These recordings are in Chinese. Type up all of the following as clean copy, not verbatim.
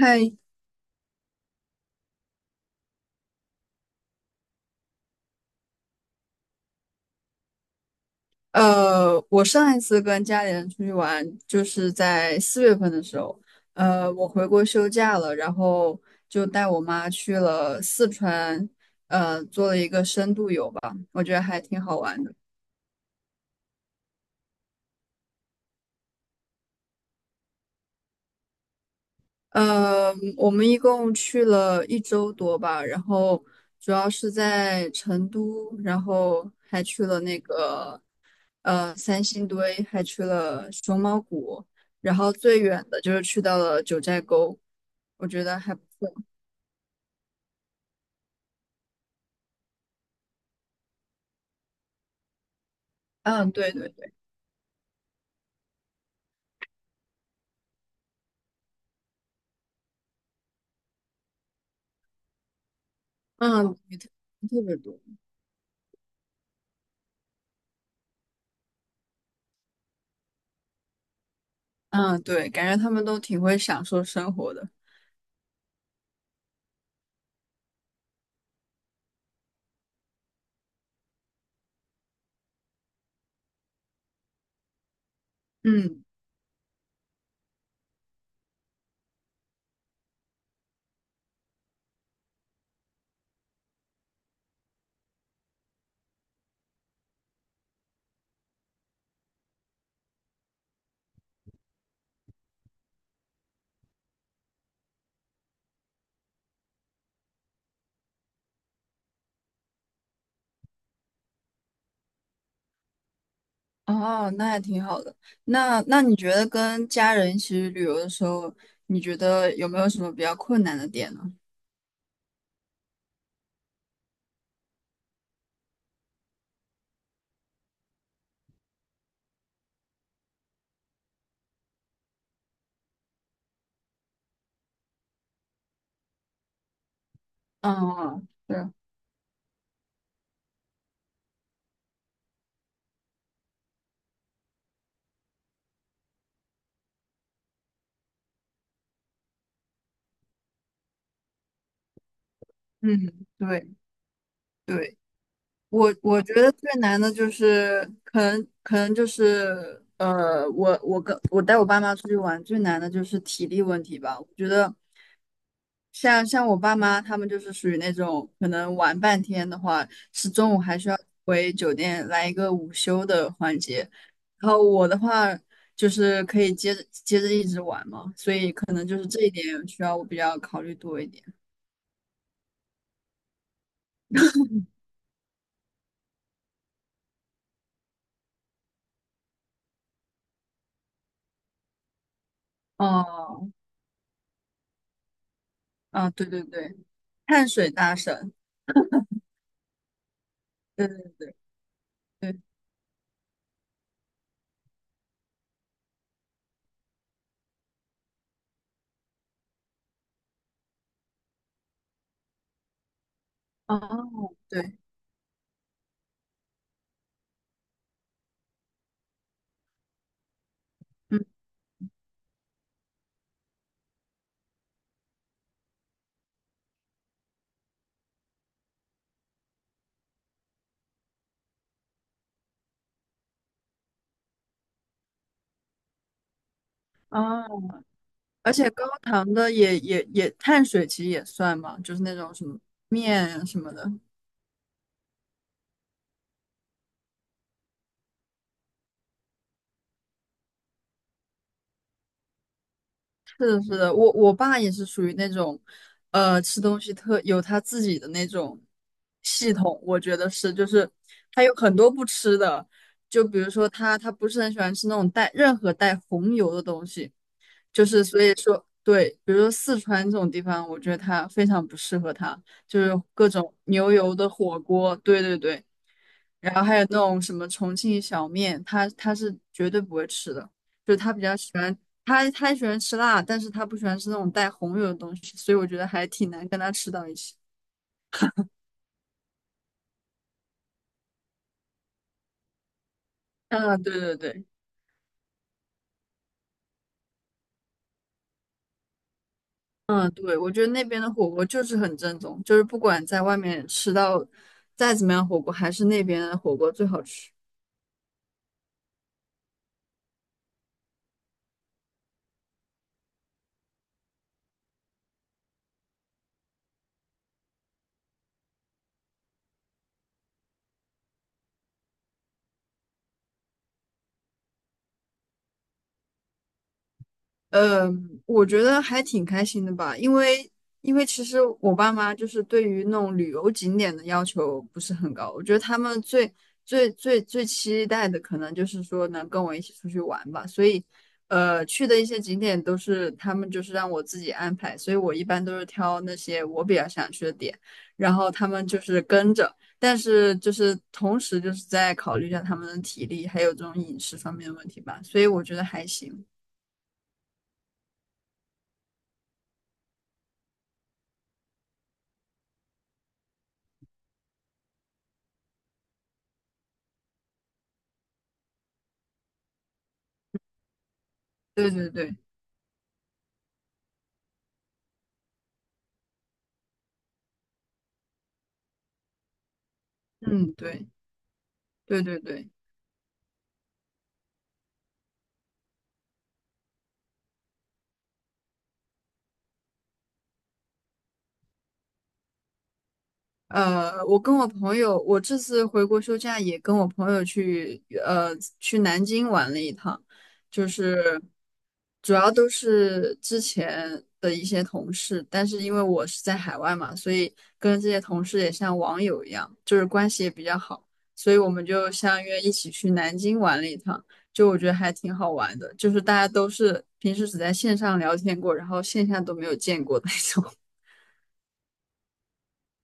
嗨，我上一次跟家里人出去玩，就是在四月份的时候，我回国休假了，然后就带我妈去了四川，做了一个深度游吧，我觉得还挺好玩的。我们一共去了一周多吧，然后主要是在成都，然后还去了那个三星堆，还去了熊猫谷，然后最远的就是去到了九寨沟。我觉得还不错。嗯，对对对。嗯，也特别多。嗯，对，感觉他们都挺会享受生活的。嗯。哦，那还挺好的。那你觉得跟家人一起去旅游的时候，你觉得有没有什么比较困难的点呢？嗯，对。嗯，对对，我觉得最难的就是可能就是我我跟我带我爸妈出去玩最难的就是体力问题吧。我觉得。像我爸妈他们就是属于那种可能玩半天的话，是中午还需要回酒店来一个午休的环节。然后我的话就是可以接着一直玩嘛，所以可能就是这一点需要我比较考虑多一点。哦。啊，对对对。碳水大神。对对对对。哦，对。嗯。哦，而且高糖的也碳水其实也算嘛，就是那种什么面啊什么的。是的，是的，我爸也是属于那种，吃东西特有他自己的那种系统，我觉得是，就是他有很多不吃的，就比如说他不是很喜欢吃那种带任何带红油的东西，就是所以说对，比如说四川这种地方，我觉得他非常不适合他，就是各种牛油的火锅，对对对。然后还有那种什么重庆小面，他是绝对不会吃的，就是他比较喜欢他喜欢吃辣，但是他不喜欢吃那种带红油的东西，所以我觉得还挺难跟他吃到一起。嗯，对对对。嗯对，我觉得那边的火锅就是很正宗，就是不管在外面吃到再怎么样火锅，还是那边的火锅最好吃。呃，我觉得还挺开心的吧，因为因为其实我爸妈就是对于那种旅游景点的要求不是很高，我觉得他们最最期待的可能就是说能跟我一起出去玩吧，所以去的一些景点都是他们就是让我自己安排，所以我一般都是挑那些我比较想去的点，然后他们就是跟着，但是就是同时就是在考虑一下他们的体力还有这种饮食方面的问题吧，所以我觉得还行，对对对。嗯，对。对对对。我跟我朋友，我这次回国休假也跟我朋友去，去南京玩了一趟，就是主要都是之前的一些同事，但是因为我是在海外嘛，所以跟这些同事也像网友一样，就是关系也比较好，所以我们就相约一起去南京玩了一趟，就我觉得还挺好玩的，就是大家都是平时只在线上聊天过，然后线下都没有见过的那种。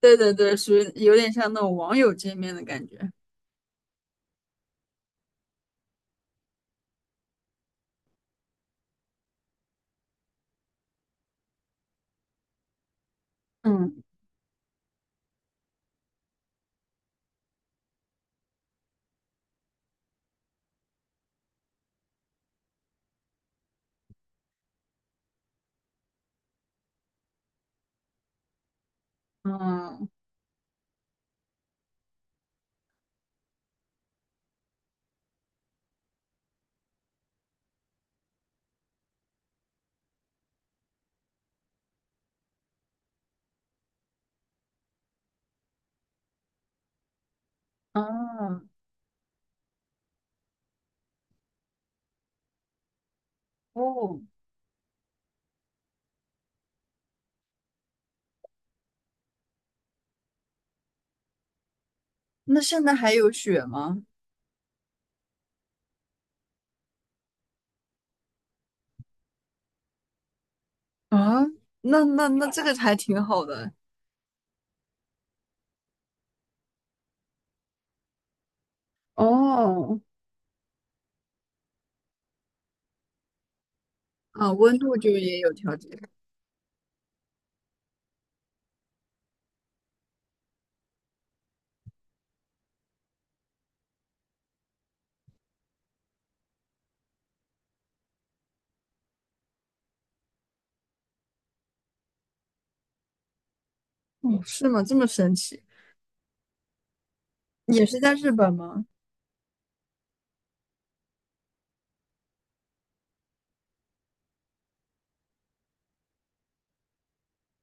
对对对，属于有点像那种网友见面的感觉。嗯嗯。啊。哦，那现在还有雪吗？啊，那这个还挺好的。哦。啊，温度就也有调节。哦，是吗？这么神奇？也是在日本吗？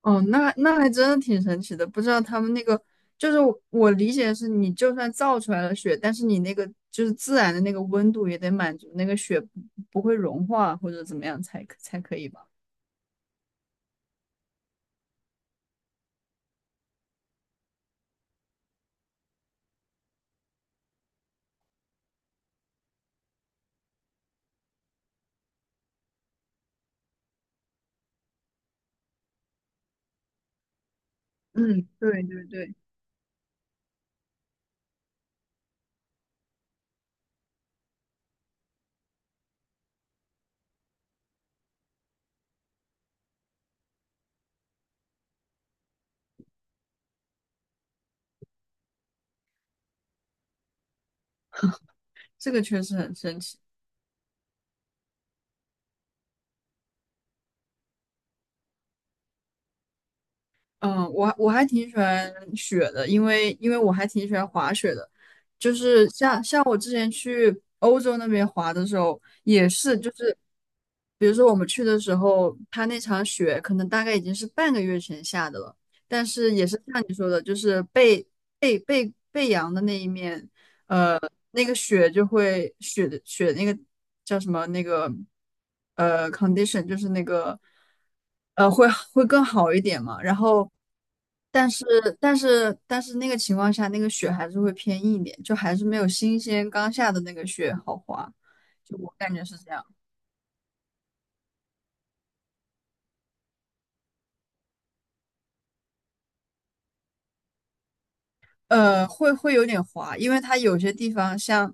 哦，那那还真的挺神奇的。不知道他们那个，就是我理解的是，你就算造出来了雪，但是你那个就是自然的那个温度也得满足那个雪不会融化或者怎么样才可以吧？嗯，对对对。这个确实很神奇。嗯，我还挺喜欢雪的，因为因为我还挺喜欢滑雪的，就是像我之前去欧洲那边滑的时候，也是就是，比如说我们去的时候，它那场雪可能大概已经是半个月前下的了，但是也是像你说的，就是被被阳的那一面那个雪就会雪的雪那个叫什么那个condition 就是那个会更好一点嘛。然后，但是但是那个情况下，那个雪还是会偏硬一点，就还是没有新鲜刚下的那个雪好滑。就我感觉是这样，会有点滑，因为它有些地方像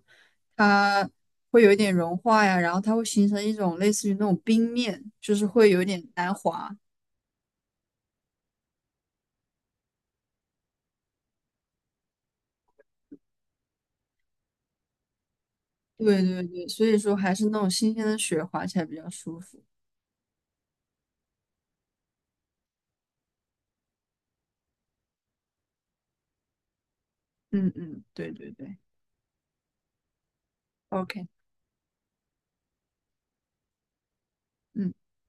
它会有一点融化呀，然后它会形成一种类似于那种冰面，就是会有点难滑。对对对，所以说还是那种新鲜的雪滑起来比较舒服。嗯嗯，对对对。OK。嗯。